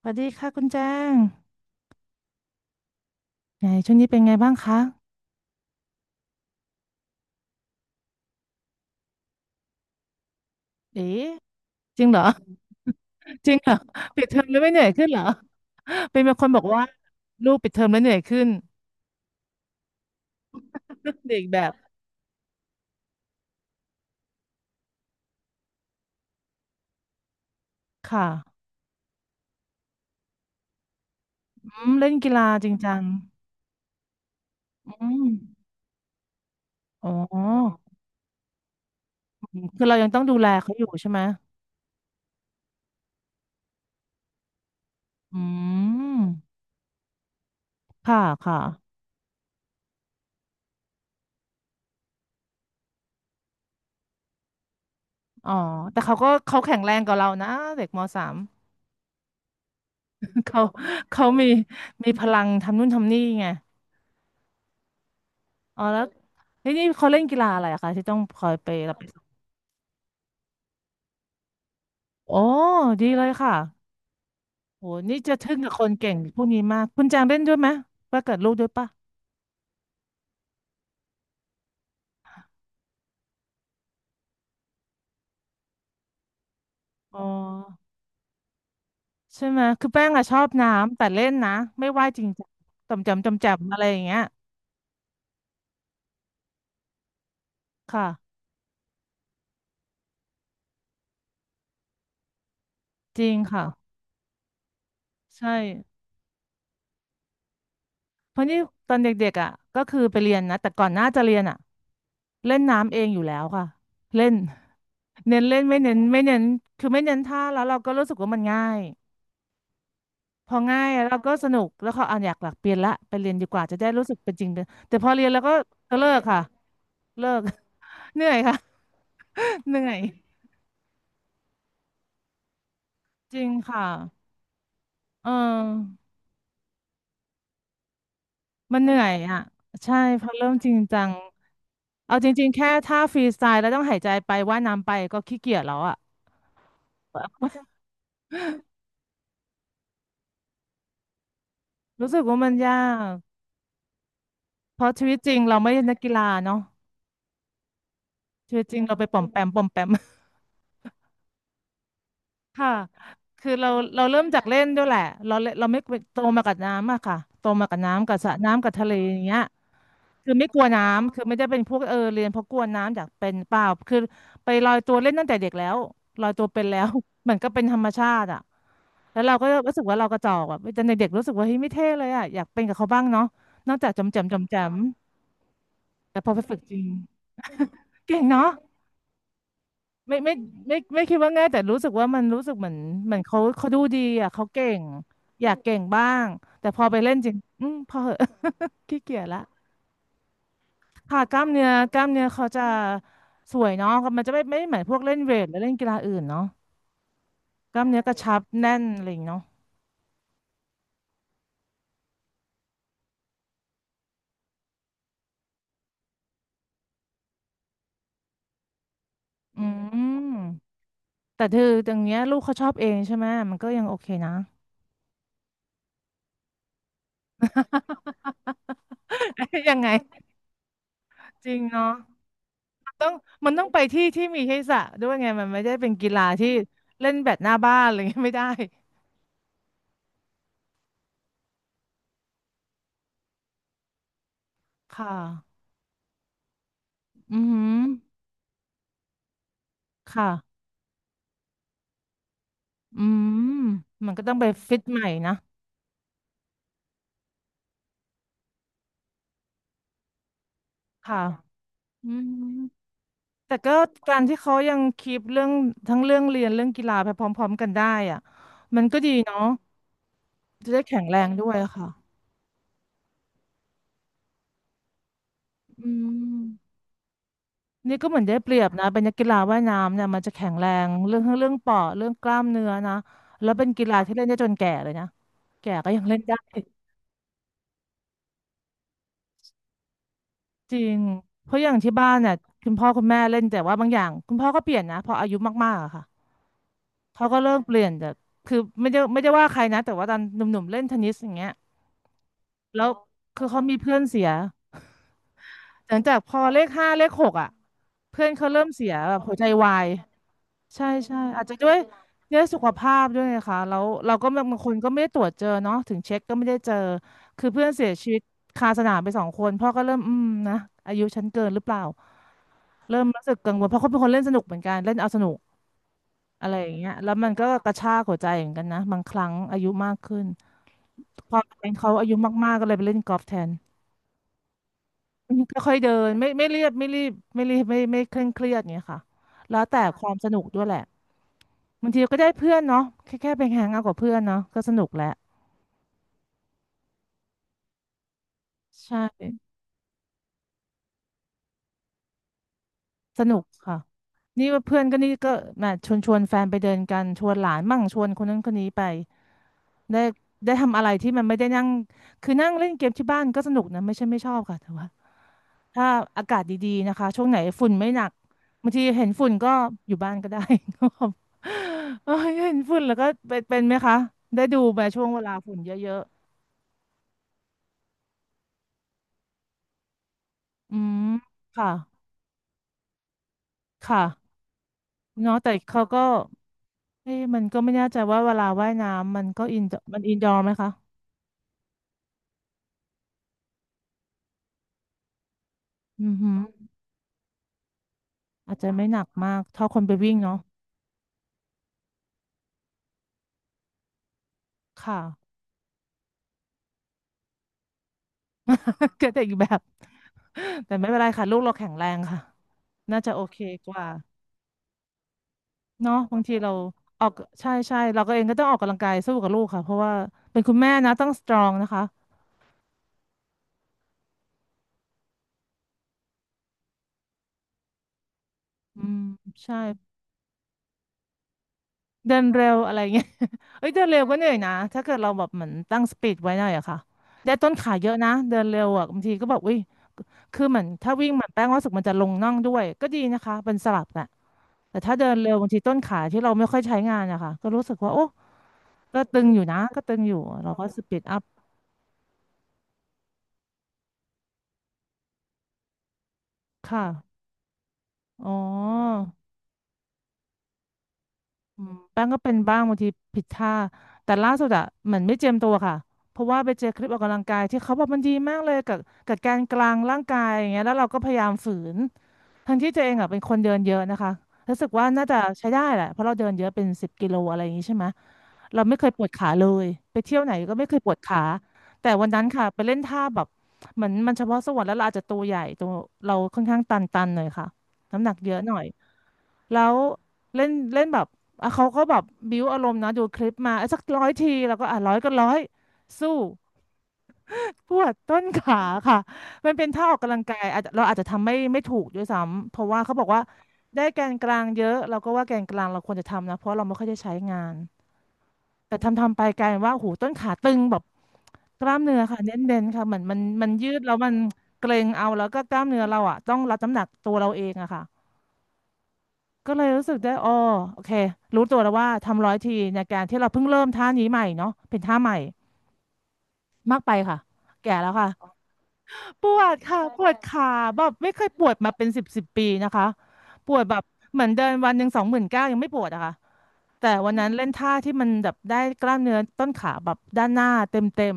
สวัสดีค่ะคุณแจ้งไงช่วงนี้เป็นไงบ้างคะเอ๊ะจริงเหรอ จริงเหรอปิดเทอมแล้วไม่เหนื่อยขึ้นเหรอเป็นบางคนบอกว่าลูกปิดเทอมแล้วเหนื่อยขึ้น เด็กแบบค่ะอืมเล่นกีฬาจริงจังอืมอ๋อคือเรายังต้องดูแลเขาอยู่ใช่ไหมอืมค่ะค่ะอ๋อแต่เขาก็เขาแข็งแรงกว่าเรานะเด็กมสาม เขาเขามีมีพลังทำนู่นทำนี่ไงอ๋อแล้วนี่นี่เขาเล่นกีฬาอะไรอะคะที่ต้องคอยไปรับ โอ้ดีเลยค่ะโหนี่จะทึ่งกับคนเก่งพวกนี้มากคุณแจงเล่นด้วยไหมว่าเกิดลูกด้วยปะอ๋อใช่ไหมคือแป้งอะชอบน้ำแต่เล่นนะไม่ว่ายจริงจังต่ำจำจำจำอะไรอย่างเงี้ยค่ะจริงค่ะใช่เพราะนี่ตอนเด็กๆอ่ะก็คือไปเรียนนะแต่ก่อนหน้าจะเรียนอ่ะเล่นน้ำเองอยู่แล้วค่ะเล่นเน้นเล่นไม่เน้นไม่เน้นคือไม่เน้นท่าแล้วเราก็รู้สึกว่ามันง่าย พอง่ายแล้วก็สนุกแล้วเขาอ่านอยากหลักเปลี่ยนละไปเรียนดีกว่าจะได้รู้สึกเป็นจริงเป็นแต่พอเรียนแล้วก็ก็เลิกค่ะเลิก เหนื่อยค่ะ เหนื่อยจริงค่ะเออมันเหนื่อยอ่ะใช่พอเริ่มจริงจังเอาจริงๆแค่ท่าฟรีสไตล์แล้วต้องหายใจไปว่ายน้ำไปก็ขี้เกียจแล้วอ่ะ รู้สึกว่ามันยากเพราะชีวิตจริงเราไม่ใช่นักกีฬาเนาะชีวิตจริงเราไปป่อมแปมป่อมแปม ค่ะ คือเราเราเริ่มจากเล่นด้วยแหละ เราเล่นเราไม่กลัวโตมากับน้ำอะค่ะโตมากับน้ำกับสระน้ำกับทะเลอย่างเงี้ยคือไม่กลัวน้ำคือไม่ได้เป็นพวกเออเรียนเพราะกลัวน้ำอยากเป็นเปล่าคือไปลอยตัวเล่นตั้งแต่เด็กแล้วลอยตัวเป็นแล้ว เหมือนก็เป็นธรรมชาติอะแล้วเราก็รู้สึกว่าเรากระจอกอะตอนเด็กๆรู้สึกว่าเฮ้ยไม่เท่เลยอะอยากเป็นกับเขาบ้างเนาะนอกจากจำแจมจำแจมแต่พอไปฝึกจริงเก่งเนาะ ไม่ไม่ไม่คิดว่าง่ายแต่รู้สึกว่ามันรู้สึกเหมือนเหมือนเขาดูดีอ่ะเขาเก่งอยากเก่งบ้างแต่พอไปเล่นจริงอืมพอเหอะ ขี้เกียจละค่ะกล้ามเนื้อกล้ามเนื้อเขาจะสวยเนาะมันจะไม่ไม่เหมือนพวกเล่นเวทหรือเล่นกีฬาอื่นเนาะกล้ามเนื้อกระชับแน่นอะไรอย่างเงี้ยเนาะอืมแต่เธอตรงเนี้ยลูกเขาชอบเองใช่ไหมมันก็ยังโอเคนะ ยังไงจริงเนาะ ต้องมันต้องไปที่ที่มีให้สระด้วยไงมันไม่ได้เป็นกีฬาที่เล่นแบดหน้าบ้านอะไรเงี้ย ไม่ได้ค่ะอือหือค่ะอืมมันก็ต้องไปฟิตใหม่นะค่ะอืมแต่ก็การที่เขายังคีปเรื่องทั้งเรื่องเรียนเรื่องกีฬาไปพร้อมๆกันได้อ่ะมันก็ดีเนาะจะได้แข็งแรงด้วยค่ะอืม นี่ก็เหมือนได้เปรียบนะเป็นนักกีฬาว่ายน้ำเนี่ยมันจะแข็งแรงเรื่องทั้งเรื่องปอดเรื่องกล้ามเนื้อนะแล้วเป็นกีฬาที่เล่นได้จนแก่เลยนะแก่ก็ยังเล่นได้จริงเพราะอย่างที่บ้านน่ะคุณพ่อคุณแม่เล่นแต่ว่าบางอย่างคุณพ่อก็เปลี่ยนนะพออายุมากๆอะค่ะเขาก็เริ่มเปลี่ยนแต่คือไม่ได้ว่าใครนะแต่ว่าตอนหนุ่มๆเล่นเทนนิสอย่างเงี้ยแล้วคือเขามีเพื่อนเสียหลังจากพอเลขห้าเลขหกอ่ะเพื่อนเขาเริ่มเสียแบบหัวใจวาย ใช่อาจจะด้วยด้วยสุขภาพด้วยไงค่ะแล้วเราก็บางคนก็ไม่ได้ตรวจเจอเนาะถึงเช็คก็ไม่ได้เจอคือเพื่อนเสียชีวิตคาสนามไปสองคนพ่อก็เริ่มอืมนะอายุฉันเกินหรือเปล่าเริ่มรู้สึกกังวลเพราะเขาเป็นคนเล่นสนุกเหมือนกันเล่นเอาสนุกอะไรอย่างเงี้ยแล้วมันก็กระชากหัวใจเหมือนกันนะบางครั้งอายุมากขึ้นความเป็นเขาอายุมากๆก็เลยไปเล่นกอล์ฟแทนค่อยๆเดินไม่ไม่เรียบไม่รีบไม่ไม่เคร่งเครียดเงี้ยค่ะแล้วแต่ความสนุกด้วยแหละ บางทีก็ได้เพื่อนเนาะแค่ไปแฮงเอาท์กับเพื่อนเนาะก็สนุกแหละใช่สนุกค่ะนี่ว่าเพื่อนก็นี่ก็แหมชวนแฟนไปเดินกันชวนหลานมั่งชวนคนนั้นคนนี้ไปได้ได้ทำอะไรที่มันไม่ได้นั่งคือนั่งเล่นเกมที่บ้านก็สนุกนะไม่ใช่ไม่ชอบค่ะแต่ว่าถ้าอากาศดีๆนะคะช่วงไหนฝุ่นไม่หนักบางทีเห็นฝุ่นก็อยู่บ้านก็ได้ ครับเอ้ยเห็นฝุ่นแล้วก็เป็นไหมคะได้ดูไหมช่วงเวลาฝุ่นเยอะๆอืมค่ะค่ะ เนาะแต่เขาก็เอ้ยมันก็ไม่แน่ใจว่าเวลาว่ายน้ำมันก็อินมันอินดอร์ไหมคะอือหืออาจจะไม่หนักมากเท่าคนไปวิ่งเนาะค่ะ ก็แต่อีกแบบแต่ไม่เป็นไรค่ะลูกเราแข็งแรงค่ะน่าจะโอเคกว่าเนาะบางทีเราออกใช่ใช่เราก็เองก็ต้องออกกำลังกายสู้กับลูกค่ะเพราะว่าเป็นคุณแม่นะต้องสตรองนะคะอืมใช่เดินเร็วอะไรเงี้ย เอ้ยเดินเร็วก็เหนื่อยนะถ้าเกิดเราแบบเหมือนตั้งสปีดไว้หน่อยอะค่ะได้ต้นขาเยอะนะเดินเร็วอะบางทีก็แบบอุ้ย คือเหมือนถ้าวิ่งมันแป้งรู้สึกมันจะลงน่องด้วยก็ดีนะคะเป็นสลับน่ะแต่ถ้าเดินเร็วบางทีต้นขาที่เราไม่ค่อยใช้งานอะค่ะก็รู้สึกว่าโอ้ก็ตึงอยู่นะก็ตึงอยู่เราก็สปีดอัพค่ะอ๋ออืมแป้งก็เป็นบ้างบางทีผิดท่าแต่ล่าสุดอะเหมือนไม่เจียมตัวค่ะเพราะว่าไปเจอคลิปออกกำลังกายที่เขาบอกมันดีมากเลยกับการกลางร่างกายอย่างเงี้ยแล้วเราก็พยายามฝืนทั้งที่ตัวเองอะเป็นคนเดินเยอะนะคะรู้สึกว่าน่าจะใช้ได้แหละเพราะเราเดินเยอะเป็นสิบกิโลอะไรอย่างงี้ใช่ไหม เราไม่เคยปวดขาเลยไปเที่ยวไหนก็ไม่เคยปวดขาแต่วันนั้นค่ะไปเล่นท่าแบบเหมือนมันเฉพาะส่วนแล้วเราอาจจะตัวใหญ่ตัวเราค่อนข้างตันหน่อยค่ะน้ำหนักเยอะหน่อยแล้วเล่นเล่นแบบอ่ะเขาก็แบบบิวอารมณ์นะดูคลิปมาอ่ะสักร้อยทีแล้วก็อ่ะร้อยก็ร้อยสู้ปวดต้นขาค่ะมันเป็นท่าออกกำลังกายอาจจะเราอาจจะทำไม่ถูกด้วยซ้ำเพราะว่าเขาบอกว่าได้แกนกลางเยอะเราก็ว่าแกนกลางเราควรจะทำนะเพราะเราไม่ค่อยได้ใช้งาน แต่ทำไปกลายเป็นว่าโอ้โหต้นขาตึงแบบกล้ามเนื้อค่ะเน้นๆค่ะเหมือนมันยืดแล้วมันเกร็งเอาแล้วก็กล้ามเนื้อเราอ่ะต้องรับน้ำหนักตัวเราเองอะค่ะก็เลยรู้สึกได้อ๋อโอเครู้ตัวแล้วว่าทำร้อยทีในการที่เราเพิ่งเริ่มท่านี้ใหม่เนาะเป็นท่าใหม่มากไปค่ะแก่แล้วค่ะ ปวดค่ะปว่ดขาแบบไม่เคยปวดมาเป็นสิบสิบปีนะคะปวดแบบเหมือนเดินวันหนึ่งสองหมื่นเก้ายังไม่ปวดอะค่ะแต่วันนั้นเล่นท่าที่มันแบบได้กล้ามเนื้อต้นขาแบบด้านหน้าเต็ม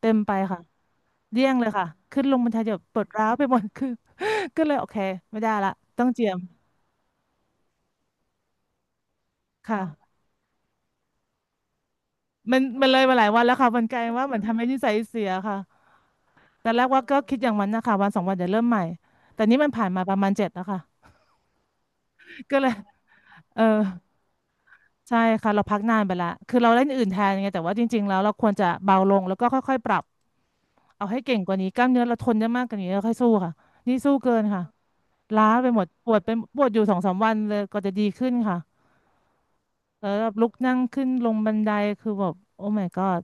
เต็มไปค่ะเดี้ยงเลยค่ะขึ้นลงบันไดเดี๋ยวปวดร้าวไปหมด คือ ก็เลยโอเคไม่ได้ละต้องเจียมค่ะมันมันเลยมาหลายวันแล้วค่ะมันกลายว่าเหมือนทำให้นิสัยเสียค่ะแต่แรกว่าก็คิดอย่างนันนะคะวันสองวันเดี๋ยวเริ่มใหม่แต่นี่มันผ่านมาประมาณเจ็ดแล้วค่ะก็เลยเออ ใช่ค่ะเราพักนานไปละคือเราเล่นอื่นแทนไงแต่ว่าจริงๆแล้วเราควรจะเบาลงแล้วก็ค่อยๆปรับเอาให้เก่งกว่านี้กล้ามเนื้อเราทนได้มากกว่านี้เราค่อยสู้ค่ะนี่สู้เกินค่ะล้าไปหมดปวดไปปวดอยู่สองสามวันเลยก็จะดีขึ้นค่ะแล้วแบบลุกนั่งขึ้นลงบันไดคือแบบโอ้ my god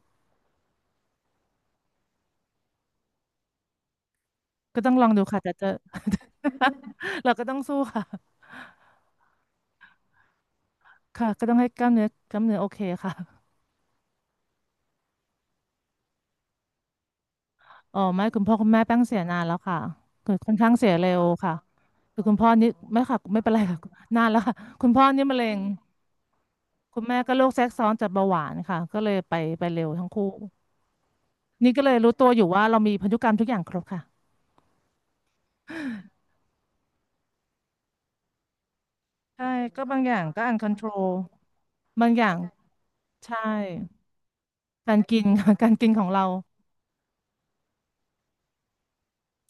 ก็ต้องลองดูค่ะแต่จะ เราก็ต้องสู้ค่ะค่ะก็ต้องให้กล้ามเนื้อโอเคค่ะ อ๋อไม่คุณพ่อคุณแม่แป้งเสียนานแล้วค่ะคือค่อนข้างเสียเร็วค่ะคือคุณพ่อนี่ไม่ค่ะไม่เป็นไรค่ะ นานแล้วค่ะคุณพ่อนี่มะเร็งคุณแม่ก็โรคแทรกซ้อนจากเบาหวานค่ะก็เลยไปไปเร็วทั้งคู่นี่ก็เลยรู้ตัวอยู่ว่าเรามีพันธุกรรมทุกอย่างครบค่ะใช่ก็บางอย่างก็อันคอนโทรลบางอย่างใช่การกิน ค่ะ การกินของเรา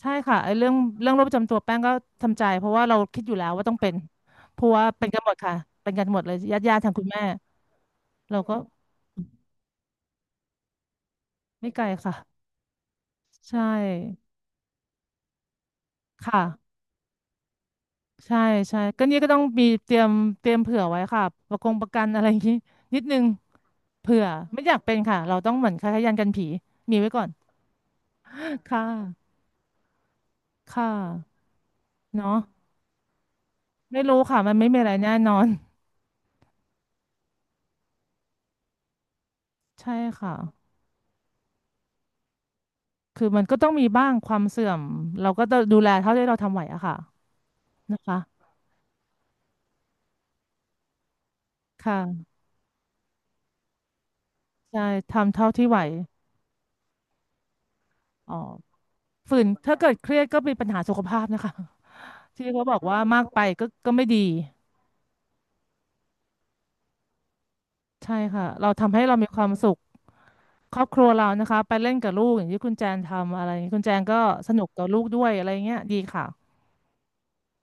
ใช่ค่ะไอ้เรื่องเรื่องโรคประจำตัวแป้งก็ทำใจเพราะว่าเราคิดอยู่แล้วว่าต้องเป็นเพราะว่าเป็นกันหมดค่ะเป็นกันหมดเลยญาติทางคุณแม่เราก็ไม่ไกลค่ะ ใช่ค่ะใช่ใช่ก็นี่ก็ต้องมีเตรียมเตรียมเผื่อไว้ค่ะประกงประกันอะไรอย่างนี้นิดนึงเผื่อไม่อยากเป็นค่ะเราต้องเหมือนคล้ายๆยันกันผีมีไว้ก่อนค่ะค่ะเนาะไม่รู้ค่ะมันไม่มีอะไรแน่นอนใช่ค่ะคือมันก็ต้องมีบ้างความเสื่อมเราก็ต้องดูแลเท่าที่เราทำไหวอะค่ะนะคะค่ะใช่ทำเท่าที่ไหวอ๋อฝืนถ้าเกิดเครียดก็เป็นปัญหาสุขภาพนะคะที่เขาบอกว่ามากไปก็ก็ไม่ดี ใช่ค่ะเราทำให้เรามีความสุขครอบครัวเรานะคะไปเล่นกับลูกอย่างที่คุณแจนทำอะไรอย่างนี้คุณแจนก็สนุกกับลูกด้วยอะไรเงี้ยดีค่ะ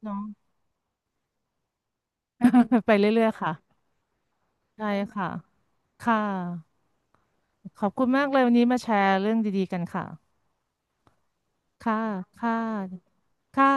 เน้อง ไปเรื่อยๆค่ะใช่ค่ะค่ะขอบคุณมากเลยวันนี้มาแชร์เรื่องดีๆกันค่ะค่ะค่ะค่ะ